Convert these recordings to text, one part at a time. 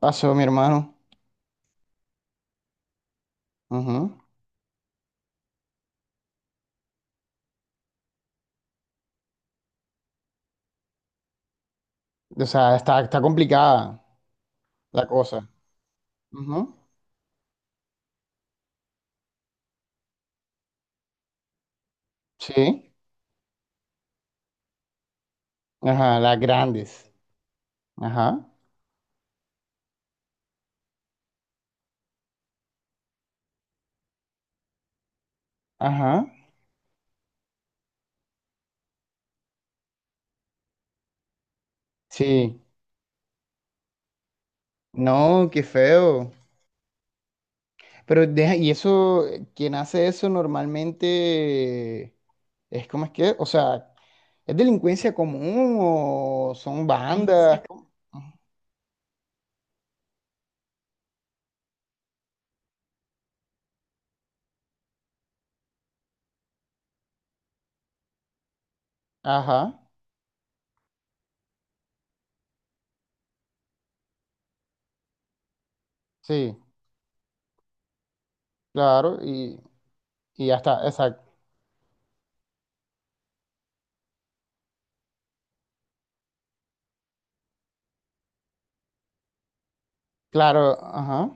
Pasó mi hermano. Ujú. O sea, está complicada la cosa. Ujú. Sí. Ajá, las grandes. Ajá. Ajá. Sí. No, qué feo. Pero deja, y eso, quien hace eso normalmente es como es que, o sea, ¿es delincuencia común o son bandas? Ajá. Sí, claro. Y ya está, exacto. Claro, ajá.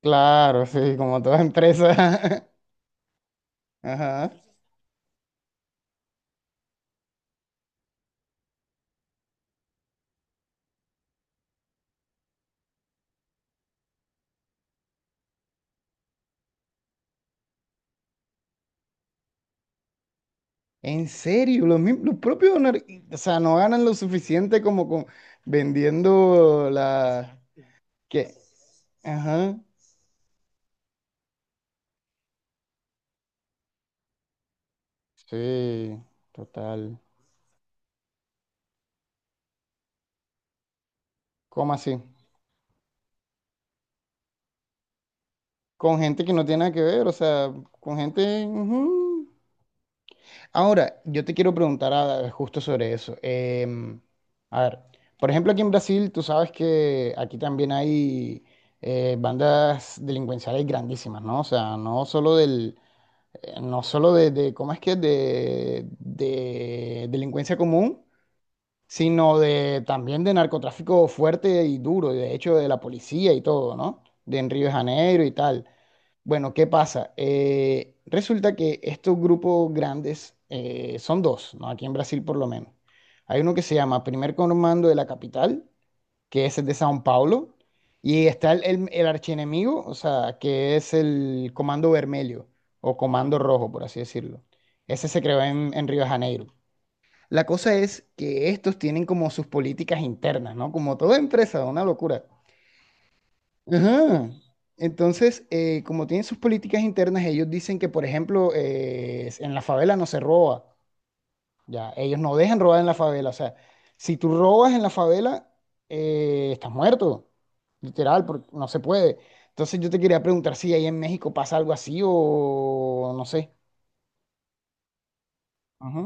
Claro, sí, como toda empresa. Ajá, en serio, los, los propios, o sea, no ganan lo suficiente como con vendiendo la... ¿Qué? Ajá. Sí, total. ¿Cómo así? Con gente que no tiene nada que ver, o sea, con gente, ujú. Ahora, yo te quiero preguntar justo sobre eso. A ver, por ejemplo, aquí en Brasil, tú sabes que aquí también hay bandas delincuenciales grandísimas, ¿no? O sea, no solo del no solo de, ¿cómo es que? De delincuencia común, sino de también de narcotráfico fuerte y duro, y de hecho de la policía y todo, ¿no? De en Río de Janeiro y tal. Bueno, ¿qué pasa? Resulta que estos grupos grandes son dos, ¿no? Aquí en Brasil por lo menos. Hay uno que se llama Primer Comando de la Capital que es el de Sao Paulo, y está el archienemigo, o sea, que es el Comando Vermelho o Comando Rojo, por así decirlo. Ese se creó en Río de Janeiro. La cosa es que estos tienen como sus políticas internas, ¿no? Como toda empresa, una locura. Ajá. Entonces, como tienen sus políticas internas, ellos dicen que, por ejemplo, en la favela no se roba. Ya, ellos no dejan robar en la favela. O sea, si tú robas en la favela, estás muerto. Literal, porque no se puede. Entonces yo te quería preguntar si ahí en México pasa algo así o no sé. Ajá.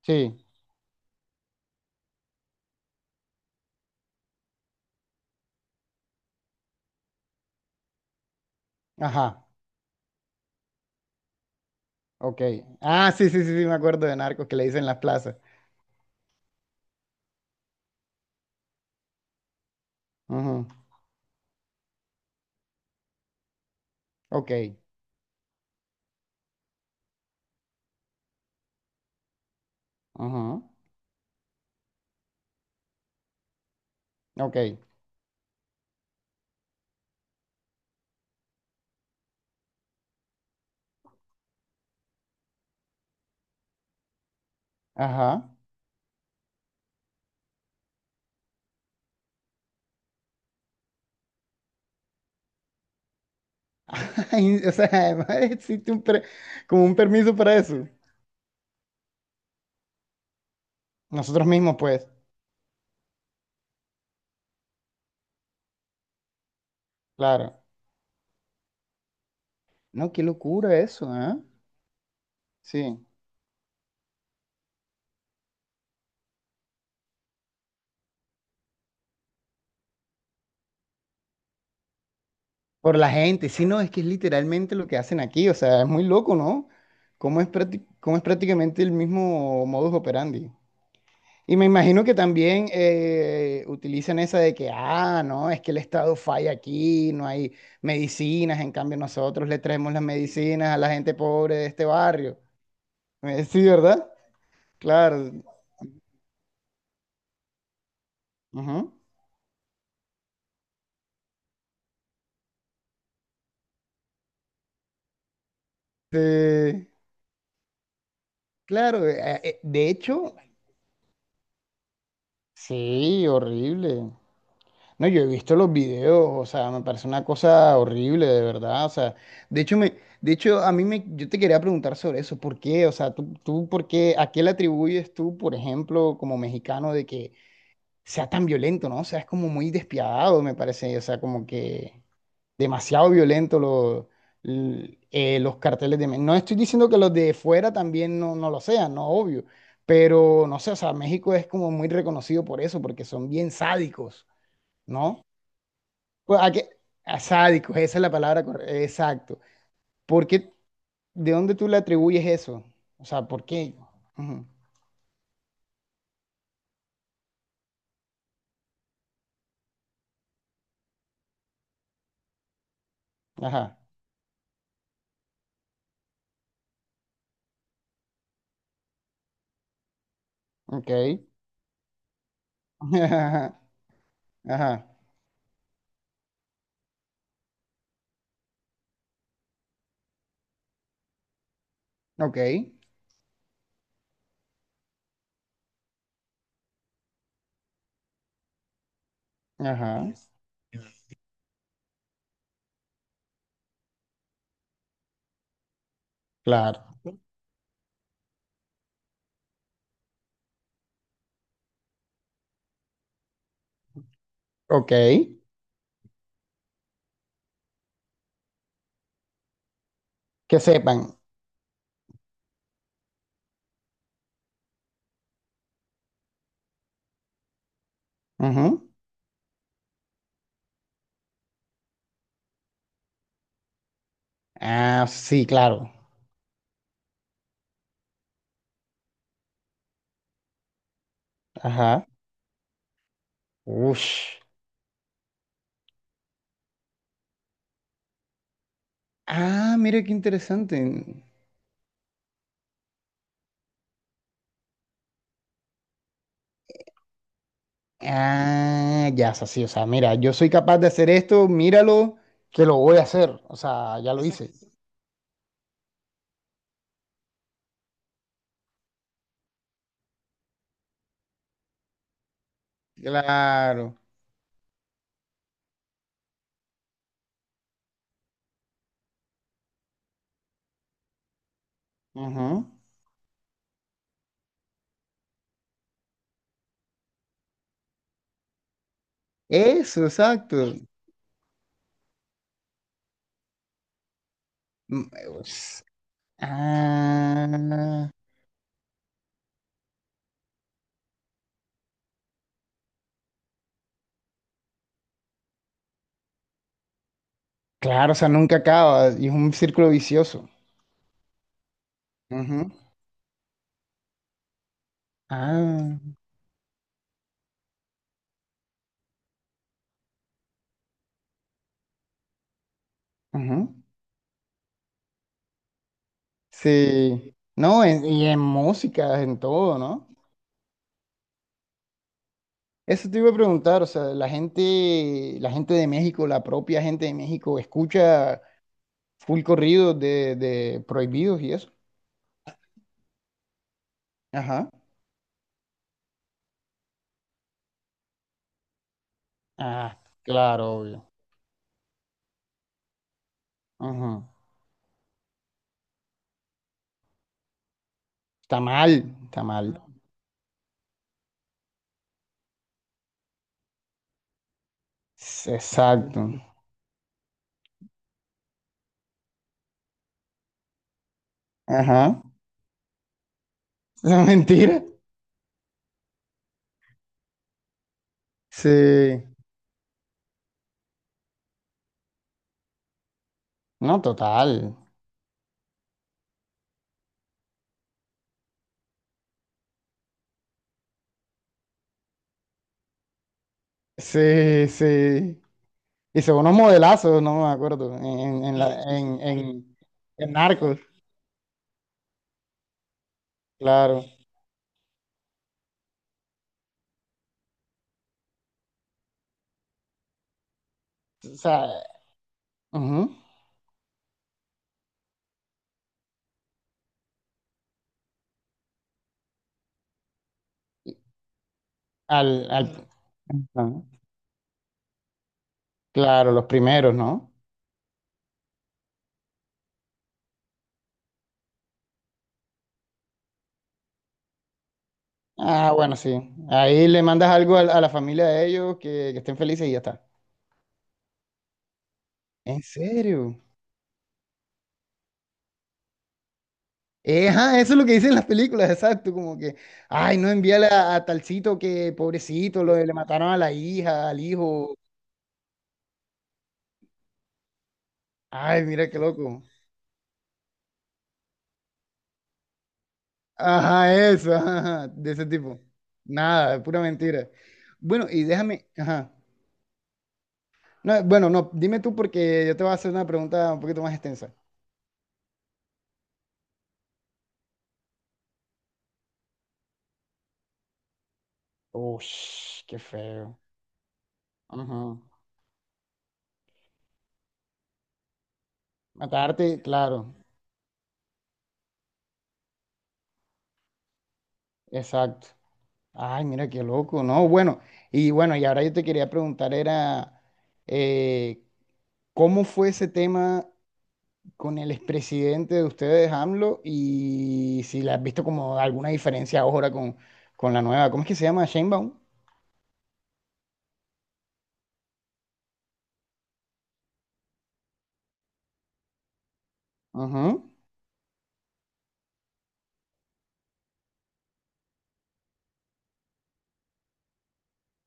Sí, ajá, ok. Ah, sí, sí, sí, sí, me acuerdo de narcos que le dicen las plazas. Ajá. Ok, ajá. Ok, ajá. Ay, o sea, además existe un como un permiso para eso. Nosotros mismos, pues, claro. No, qué locura eso, ¿eh? Sí. Por la gente, sí, no, es que es literalmente lo que hacen aquí, o sea, es muy loco, ¿no? Cómo es, cómo es prácticamente el mismo modus operandi. Y me imagino que también utilizan esa de que, ah, no, es que el Estado falla aquí, no hay medicinas, en cambio nosotros le traemos las medicinas a la gente pobre de este barrio. Sí, ¿verdad? Claro. Ujú. Sí, claro, de hecho, sí, horrible. No, yo he visto los videos, o sea, me parece una cosa horrible, de verdad. O sea, de hecho, me, de hecho, a mí me, yo te quería preguntar sobre eso, ¿por qué? O sea, tú, ¿por qué? ¿A qué le atribuyes tú, por ejemplo, como mexicano, de que sea tan violento, ¿no? O sea, es como muy despiadado, me parece. O sea, como que demasiado violento los carteles de... No estoy diciendo que los de fuera también no, no lo sean, no, obvio. Pero, no sé, o sea, México es como muy reconocido por eso, porque son bien sádicos, ¿no? Pues, ¿a qué? A sádicos, esa es la palabra correcta. Exacto. ¿Por qué? ¿De dónde tú le atribuyes eso? O sea, ¿por qué? Ujú. Ajá. Ok. Ajá. Ajá. Ok. Ajá. Claro. Ok. Que sepan. Ujú. Ah, sí, claro. Ajá. Ush. Ah, mira qué interesante. Ah, ya es así. O sea, mira, yo soy capaz de hacer esto, míralo, que lo voy a hacer. O sea, ya lo hice. Claro. Ajá. Eso, exacto. Mm, es- Ah, claro, o sea, nunca acaba y es un círculo vicioso. Ujú. Ah, ujú. Sí. No, y en música, en todo, ¿no? Eso te iba a preguntar, o sea, la gente de México, la propia gente de México, escucha full corridos de prohibidos y eso. Ajá. Ah, claro, obvio. Ajá. Está mal, está mal. Exacto. Ajá. La mentira. Sí. No, total. Sí, sí. Hizo unos modelazos, no me acuerdo, en sí, la, sí, en, sí, en Narcos, claro. O sea, ujú. Al, al, ajá. Claro, los primeros, ¿no? Ah, bueno, sí. Ahí le mandas algo a la familia de ellos que estén felices y ya está. ¿En serio? Ajá, eso es lo que dicen las películas, exacto, como que, ay, no envíale a talcito que pobrecito, lo, le mataron a la hija, al hijo, ay, mira qué loco. Ajá, eso, ajá, ajá, de ese tipo. Nada, es pura mentira. Bueno, y déjame, ajá. No, bueno, no, dime tú porque yo te voy a hacer una pregunta un poquito más extensa. Uy, qué feo. Ajá. Matarte, claro, exacto. Ay, mira qué loco, no, bueno, y bueno, y ahora yo te quería preguntar era... Eh, ¿Cómo fue ese tema con el expresidente de ustedes, AMLO? Y si le has visto como alguna diferencia ahora con la nueva, ¿cómo es que se llama? Sheinbaum. Ajá.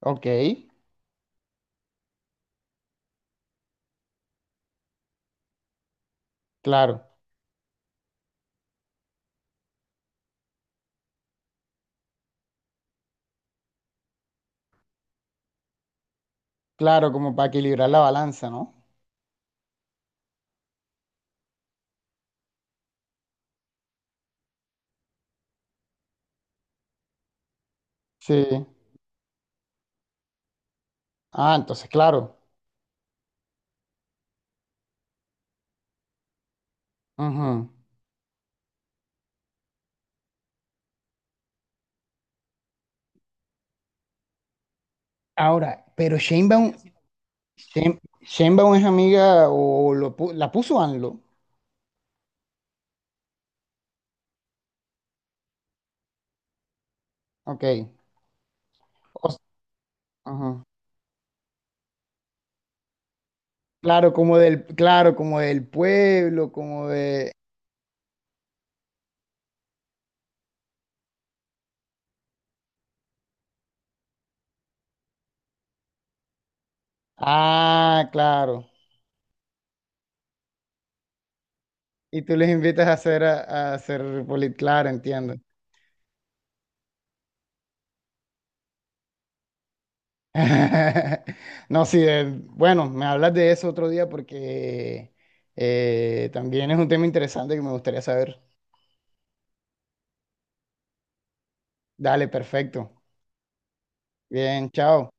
Ok, claro, claro, como para equilibrar la balanza, ¿no? Sí. Ah, entonces, claro. Ajá. Ahora, pero Sheinbaum, Sheinbaum es amiga o lo, la puso AMLO. Ok. O- s- ajá. Claro, como del pueblo, como de... Ah, claro. Y tú les invitas a hacer claro, entiendo. No, sí, bueno, me hablas de eso otro día porque también es un tema interesante que me gustaría saber. Dale, perfecto. Bien, chao.